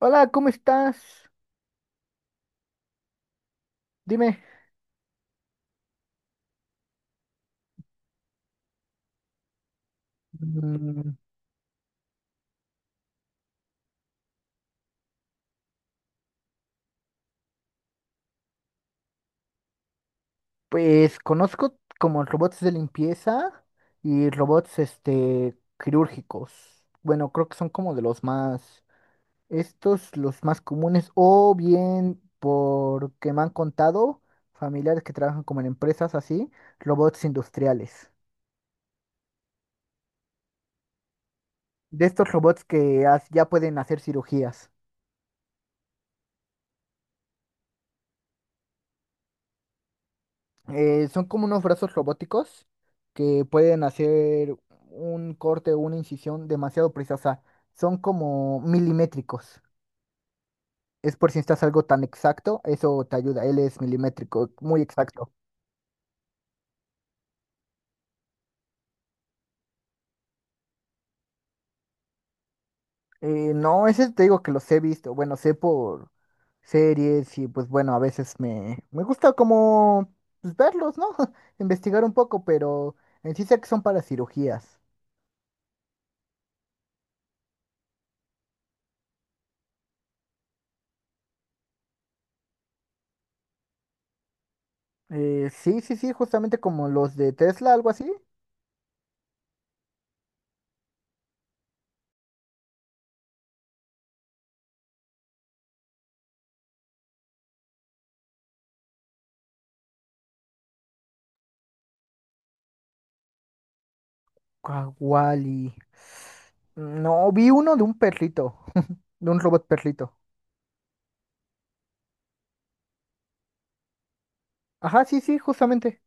Hola, ¿cómo estás? Dime. Mm. Pues conozco como robots de limpieza y robots quirúrgicos. Bueno, creo que son como de los más, estos los más comunes o bien porque me han contado familiares que trabajan como en empresas así, robots industriales. De estos robots que ya pueden hacer cirugías. Son como unos brazos robóticos que pueden hacer un corte o una incisión demasiado precisa. Son como milimétricos. Es por si necesitas algo tan exacto, eso te ayuda. Él es milimétrico, muy exacto. No, ese te digo que los he visto. Bueno, sé por series y pues bueno, a veces me gusta como pues, verlos, ¿no? Investigar un poco, pero en sí sé que son para cirugías. Sí, sí, sí, justamente como los de Tesla, algo así. Kawali. No, vi uno de un perrito, de un robot perrito. Ajá, sí, sí, justamente.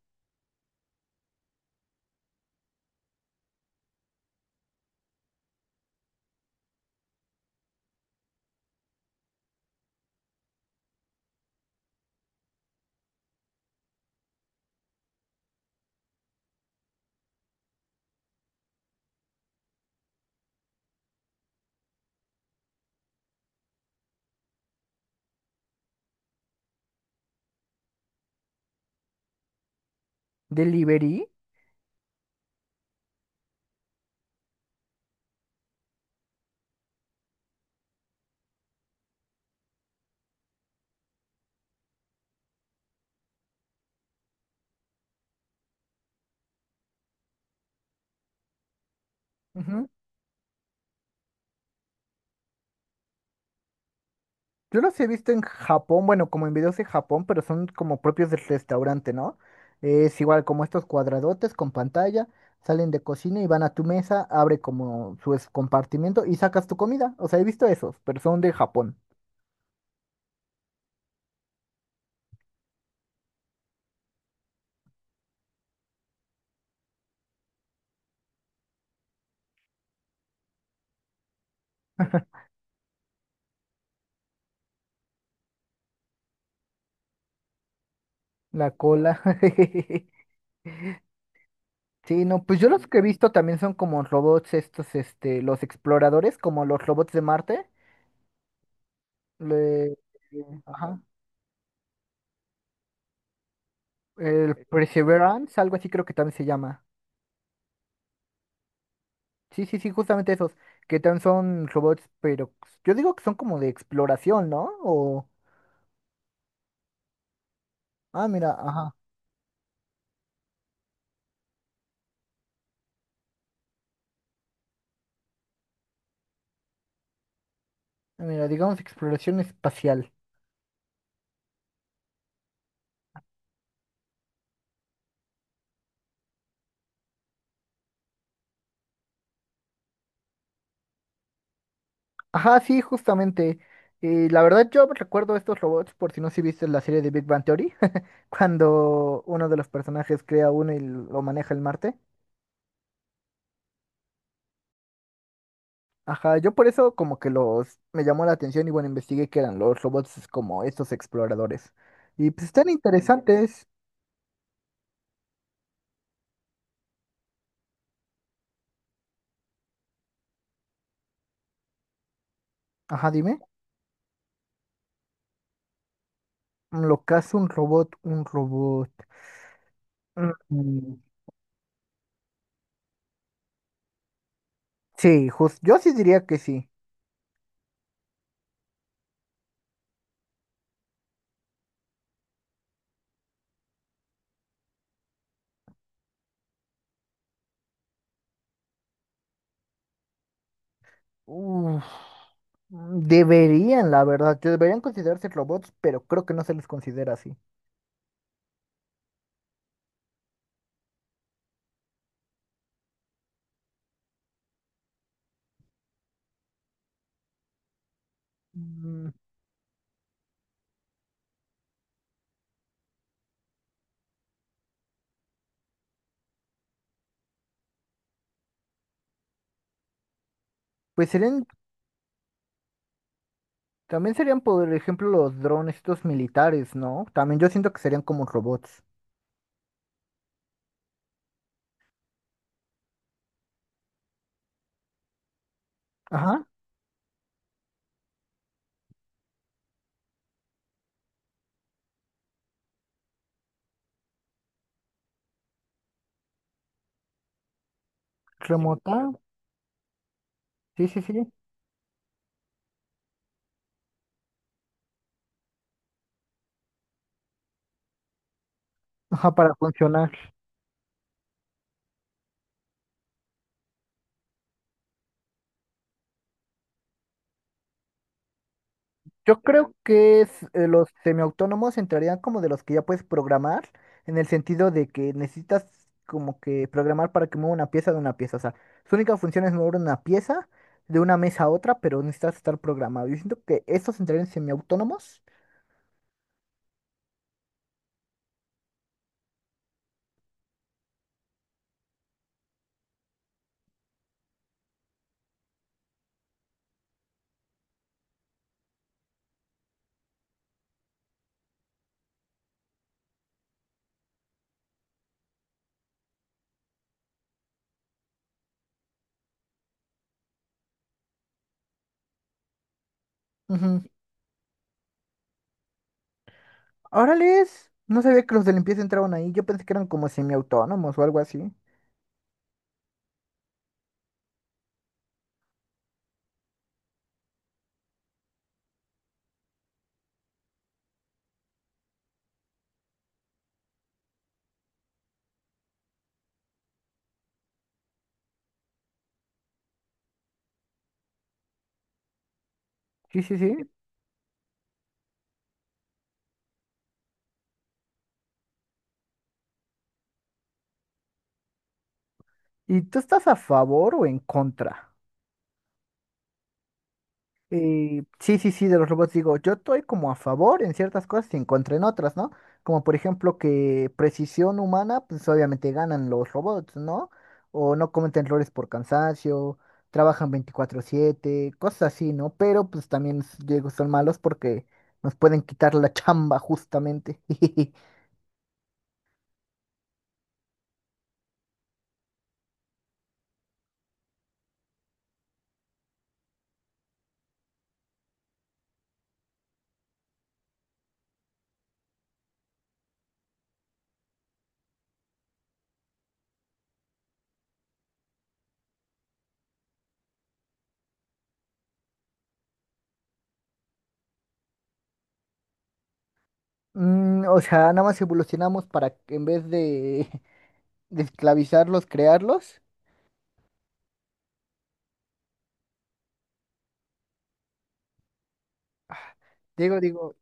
Delivery. Ujú. Yo los he visto en Japón, bueno, como en videos de Japón, pero son como propios del restaurante, ¿no? Es igual como estos cuadradotes con pantalla, salen de cocina y van a tu mesa, abre como su compartimiento y sacas tu comida. O sea, he visto esos, pero son de Japón. La cola. Sí, no, pues yo los que he visto también son como robots estos, los exploradores, como los robots de Marte. Le, ajá. El Perseverance, algo así creo que también se llama. Sí, sí, sí, justamente esos, que también son robots, pero yo digo que son como de exploración, ¿no? O, ah, mira, ajá, mira, digamos exploración espacial. Ajá, sí, justamente. Y la verdad yo recuerdo estos robots, por si no si viste la serie de Big Bang Theory, cuando uno de los personajes crea uno y lo maneja el Marte. Ajá, yo por eso como que los me llamó la atención y bueno, investigué que eran los robots como estos exploradores. Y pues están interesantes. Ajá, dime. Mm. Lo que hace un robot, un robot. Mm. Sí, yo sí diría que sí. Uf, mm, deberían, la verdad, que deberían considerarse robots, pero creo que no se les considera así. Mm. Pues serían, también serían, por ejemplo, los drones, estos militares, ¿no? También yo siento que serían como robots. Ajá, remota. Sí, sí, sí. Ajá, para funcionar. Yo creo que es, los semiautónomos entrarían como de los que ya puedes programar, en el sentido de que necesitas como que programar para que mueva una pieza de una pieza. O sea, su única función es mover una pieza de una mesa a otra, pero necesitas estar programado. Yo siento que estos entrarían en semiautónomos. Ujú. Órales, no sabía que los de limpieza entraban ahí. Yo pensé que eran como semiautónomos o algo así. Sí, sí, sí. ¿Y tú estás a favor o en contra? Sí, sí, sí, de los robots digo, yo estoy como a favor en ciertas cosas y en contra en otras, ¿no? Como por ejemplo que precisión humana, pues obviamente ganan los robots, ¿no? O no cometen errores por cansancio, trabajan 24/7 cosas así, ¿no? Pero pues también digo, son malos porque nos pueden quitar la chamba justamente. Mm, o sea, nada más evolucionamos para que en vez de, de esclavizarlos, crearlos. Ah. Digo, digo.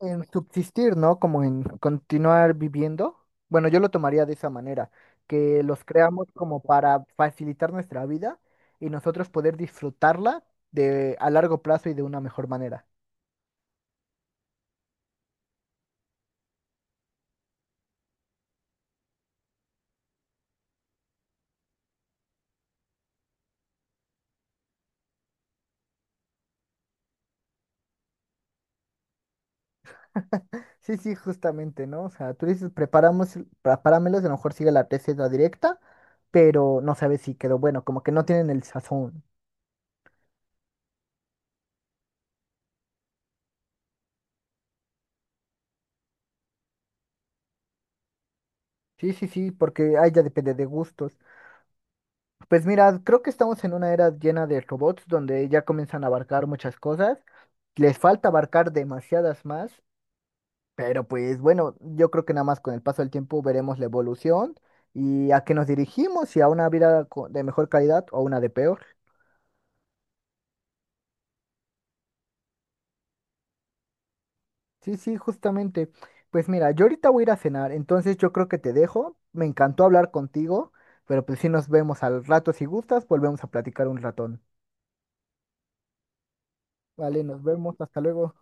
En subsistir, ¿no? Como en continuar viviendo. Bueno, yo lo tomaría de esa manera, que los creamos como para facilitar nuestra vida y nosotros poder disfrutarla de a largo plazo y de una mejor manera. Sí, sí, justamente, ¿no? O sea, tú dices, preparamos, prepáramelos, y a lo mejor sigue la receta directa, pero no sabes si quedó bueno, como que no tienen el sazón. Sí, sí, sí, porque ahí ya depende de gustos. Pues mira, creo que estamos en una era llena de robots donde ya comienzan a abarcar muchas cosas. Les falta abarcar demasiadas más, pero pues bueno, yo creo que nada más con el paso del tiempo veremos la evolución y a qué nos dirigimos, si a una vida de mejor calidad o a una de peor. Sí, sí, justamente. Pues mira, yo ahorita voy a ir a cenar, entonces yo creo que te dejo. Me encantó hablar contigo, pero pues sí nos vemos al rato. Si gustas, volvemos a platicar un ratón. Vale, nos vemos, hasta luego.